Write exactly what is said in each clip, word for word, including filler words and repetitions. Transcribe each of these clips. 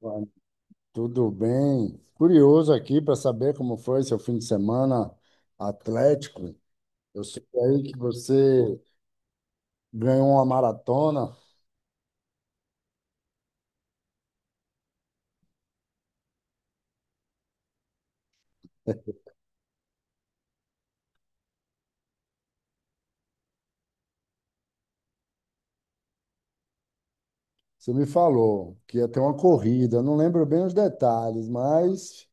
Vai, tudo bem? Curioso aqui para saber como foi seu fim de semana atlético. Eu sei aí que você ganhou uma maratona. Você me falou que ia ter uma corrida. Não lembro bem os detalhes, mas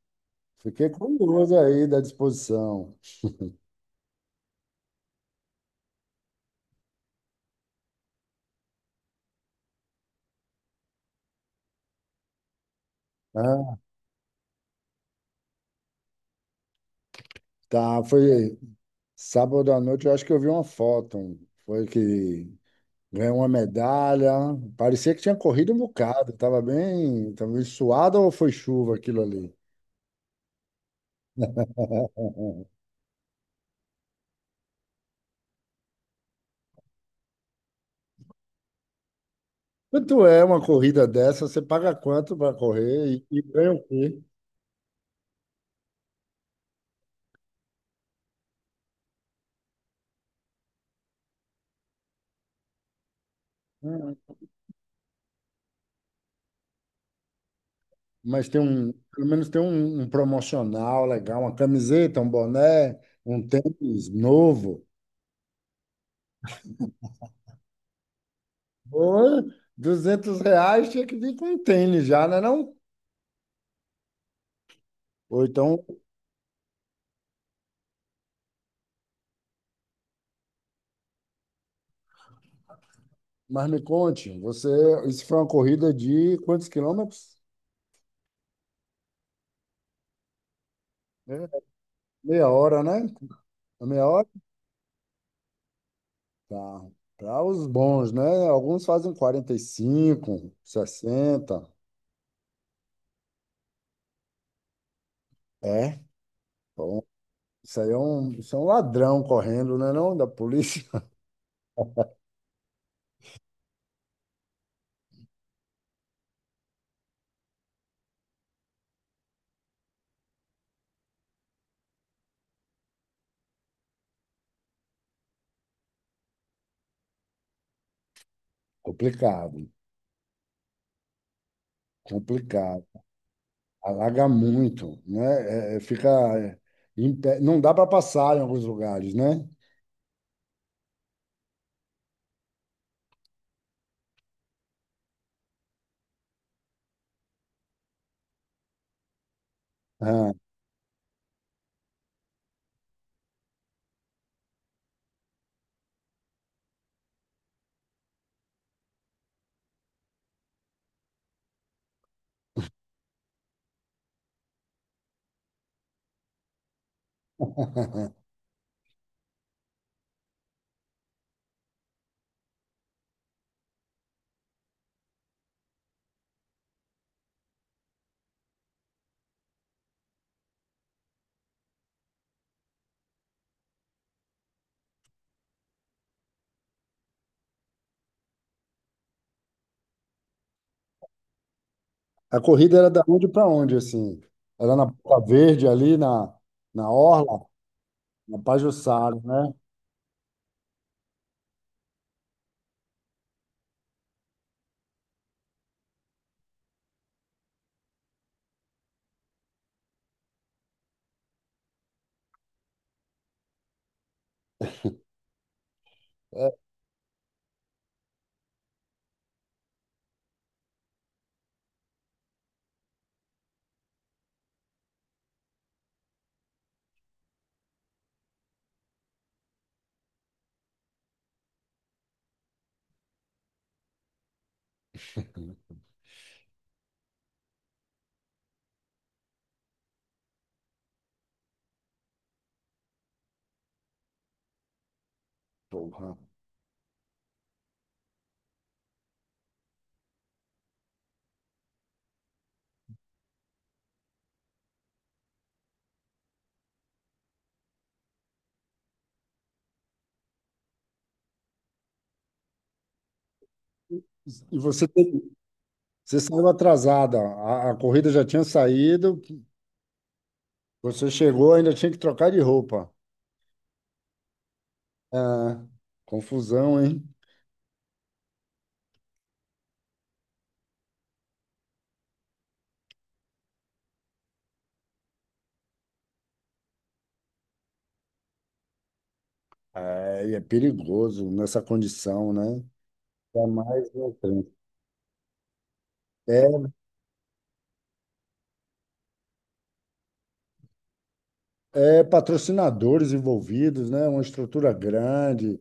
fiquei curioso aí da disposição, né? Tá, foi sábado à noite. Eu acho que eu vi uma foto. Foi que ganhou uma medalha. Parecia que tinha corrido um bocado. Tava bem, tava bem suado ou foi chuva aquilo ali? Quanto é uma corrida dessa? Você paga quanto para correr e, e ganha o quê? Hum. Mas tem um, pelo menos tem um, um promocional legal, uma camiseta, um boné, um tênis novo. Ou duzentos reais tinha que vir com um tênis já, não é não? Ou então, mas me conte, você, isso foi uma corrida de quantos quilômetros? É, meia hora, né? É meia hora? Tá. Para os bons, né? Alguns fazem quarenta e cinco, sessenta. É. Isso aí é um, isso é um ladrão correndo, né, não, da polícia. Complicado, complicado. Alaga muito, né? É, é, fica é, em pé. Não dá para passar em alguns lugares, né? Ah. A corrida era da onde para onde, assim? Era na Ponta Verde, ali na, na Orla, na Pajuçara, né? É, porra. E você, teve- você saiu atrasada. A, a corrida já tinha saído, você chegou, ainda tinha que trocar de roupa. É, confusão, hein? É, e é perigoso nessa condição, né? Ainda mais no trânsito. É patrocinadores envolvidos, né? Uma estrutura grande,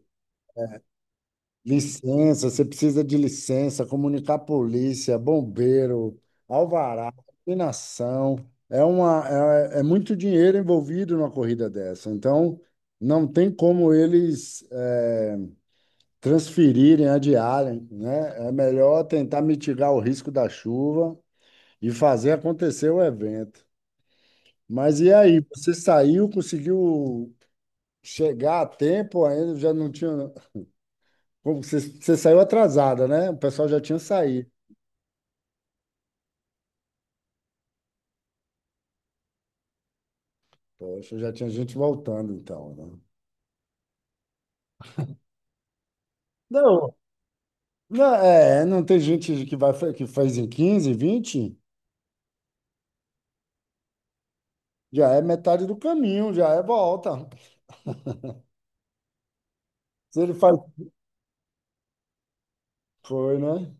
licença, você precisa de licença, comunicar a polícia, bombeiro, alvará, iluminação. É uma, é, é muito dinheiro envolvido numa corrida dessa. Então, não tem como eles é, transferirem, adiarem, né? É melhor tentar mitigar o risco da chuva e fazer acontecer o evento. Mas e aí, você saiu, conseguiu chegar a tempo ainda? Já não tinha. Como Você, você saiu atrasada, né? O pessoal já tinha saído. Poxa, já tinha gente voltando, então, né? Não, não, é, não tem gente que vai, que faz em quinze, vinte, já é metade do caminho, já é volta. Se ele faz. Foi, né?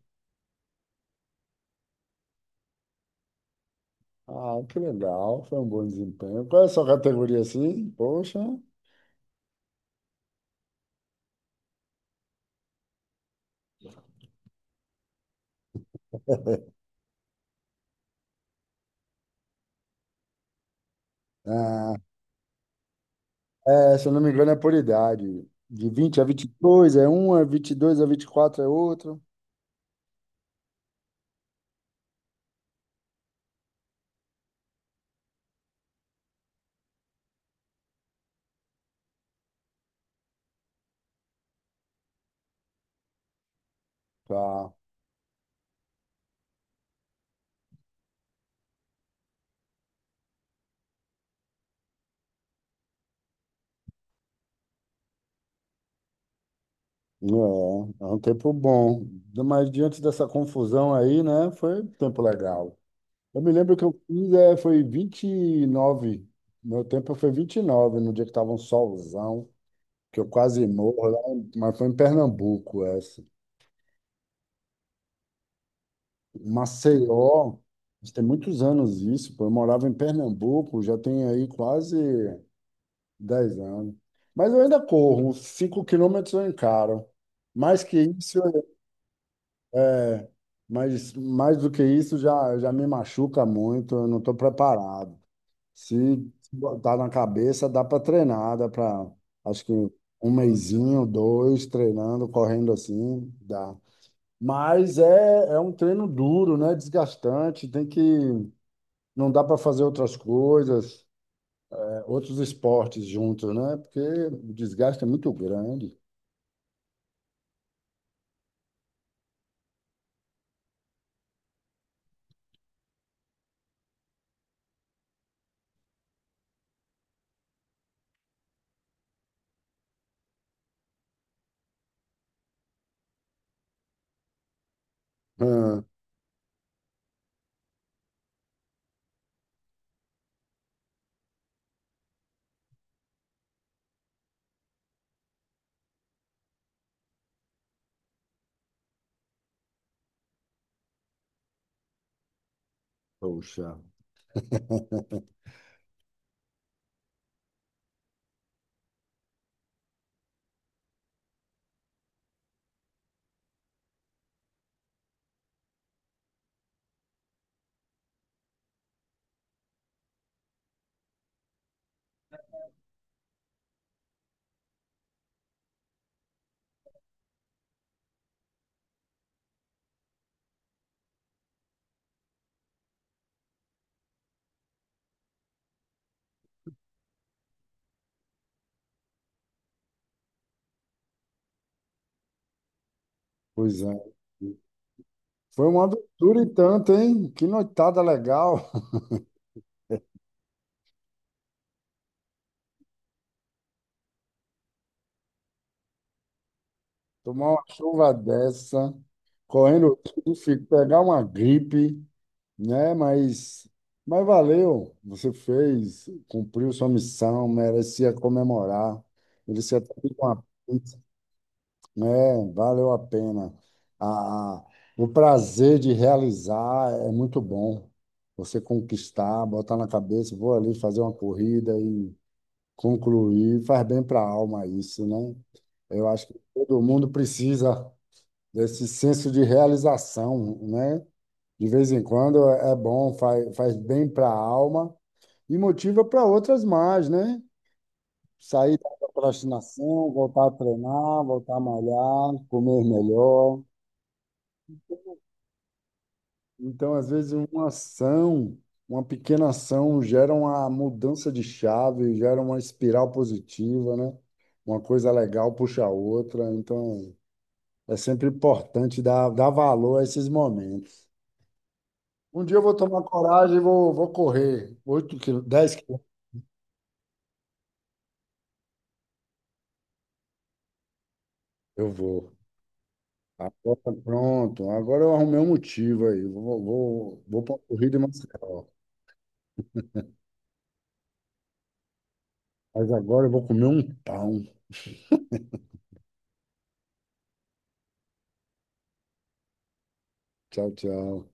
Ah, que legal, foi um bom desempenho. Qual é a sua categoria assim? Poxa. Ah, é, se eu não me engano, é por idade. De vinte a vinte e dois é uma, dois a vinte e quatro é outro. Tá. É, é um tempo bom. Mas diante dessa confusão aí, né? Foi um tempo legal. Eu me lembro que eu fiz, é, foi vinte e nove. Meu tempo foi vinte e nove no dia que estava um solzão, que eu quase morro lá, mas foi em Pernambuco essa. Maceió, isso tem muitos anos isso, pô. Eu morava em Pernambuco, já tem aí quase dez anos. Mas eu ainda corro, cinco quilômetros eu encaro. Mais que isso, é. Mas mais do que isso, já, já me machuca muito, eu não estou preparado. Se botar na cabeça, dá para treinar, dá para, acho que um mesinho, dois, treinando, correndo assim, dá. Mas é, é um treino duro, né? Desgastante, tem que, não dá para fazer outras coisas, é, outros esportes juntos, né? Porque o desgaste é muito grande. Ah, poxa, pois é. Foi uma aventura e tanto, hein? Que noitada legal. Tomar uma chuva dessa, correndo tudo, fi- pegar uma gripe, né? Mas, mas valeu. Você fez, cumpriu sua missão, merecia comemorar. Merecia ter uma. É, valeu a pena. A, a- o prazer de realizar é muito bom. Você conquistar, botar na cabeça, vou ali fazer uma corrida e concluir, faz bem para a alma isso, né? Eu acho que todo mundo precisa desse senso de realização, né? De vez em quando é bom, faz, faz bem para a alma e motiva para outras mais, né? Sair da procrastinação, voltar a treinar, voltar a malhar, comer melhor. Então, às vezes, uma ação, uma pequena ação, gera uma mudança de chave, gera uma espiral positiva, né? Uma coisa legal puxa a outra. Então, é sempre importante dar, dar valor a esses momentos. Um dia eu vou tomar coragem e vou, vou correr oito quilômetros, dez quilômetros. Eu vou. Agora, pronto. Agora eu arrumei um motivo aí. Vou, vou, vou para a corrida em Maceió. Mas agora eu vou comer um pão. Tchau, tchau.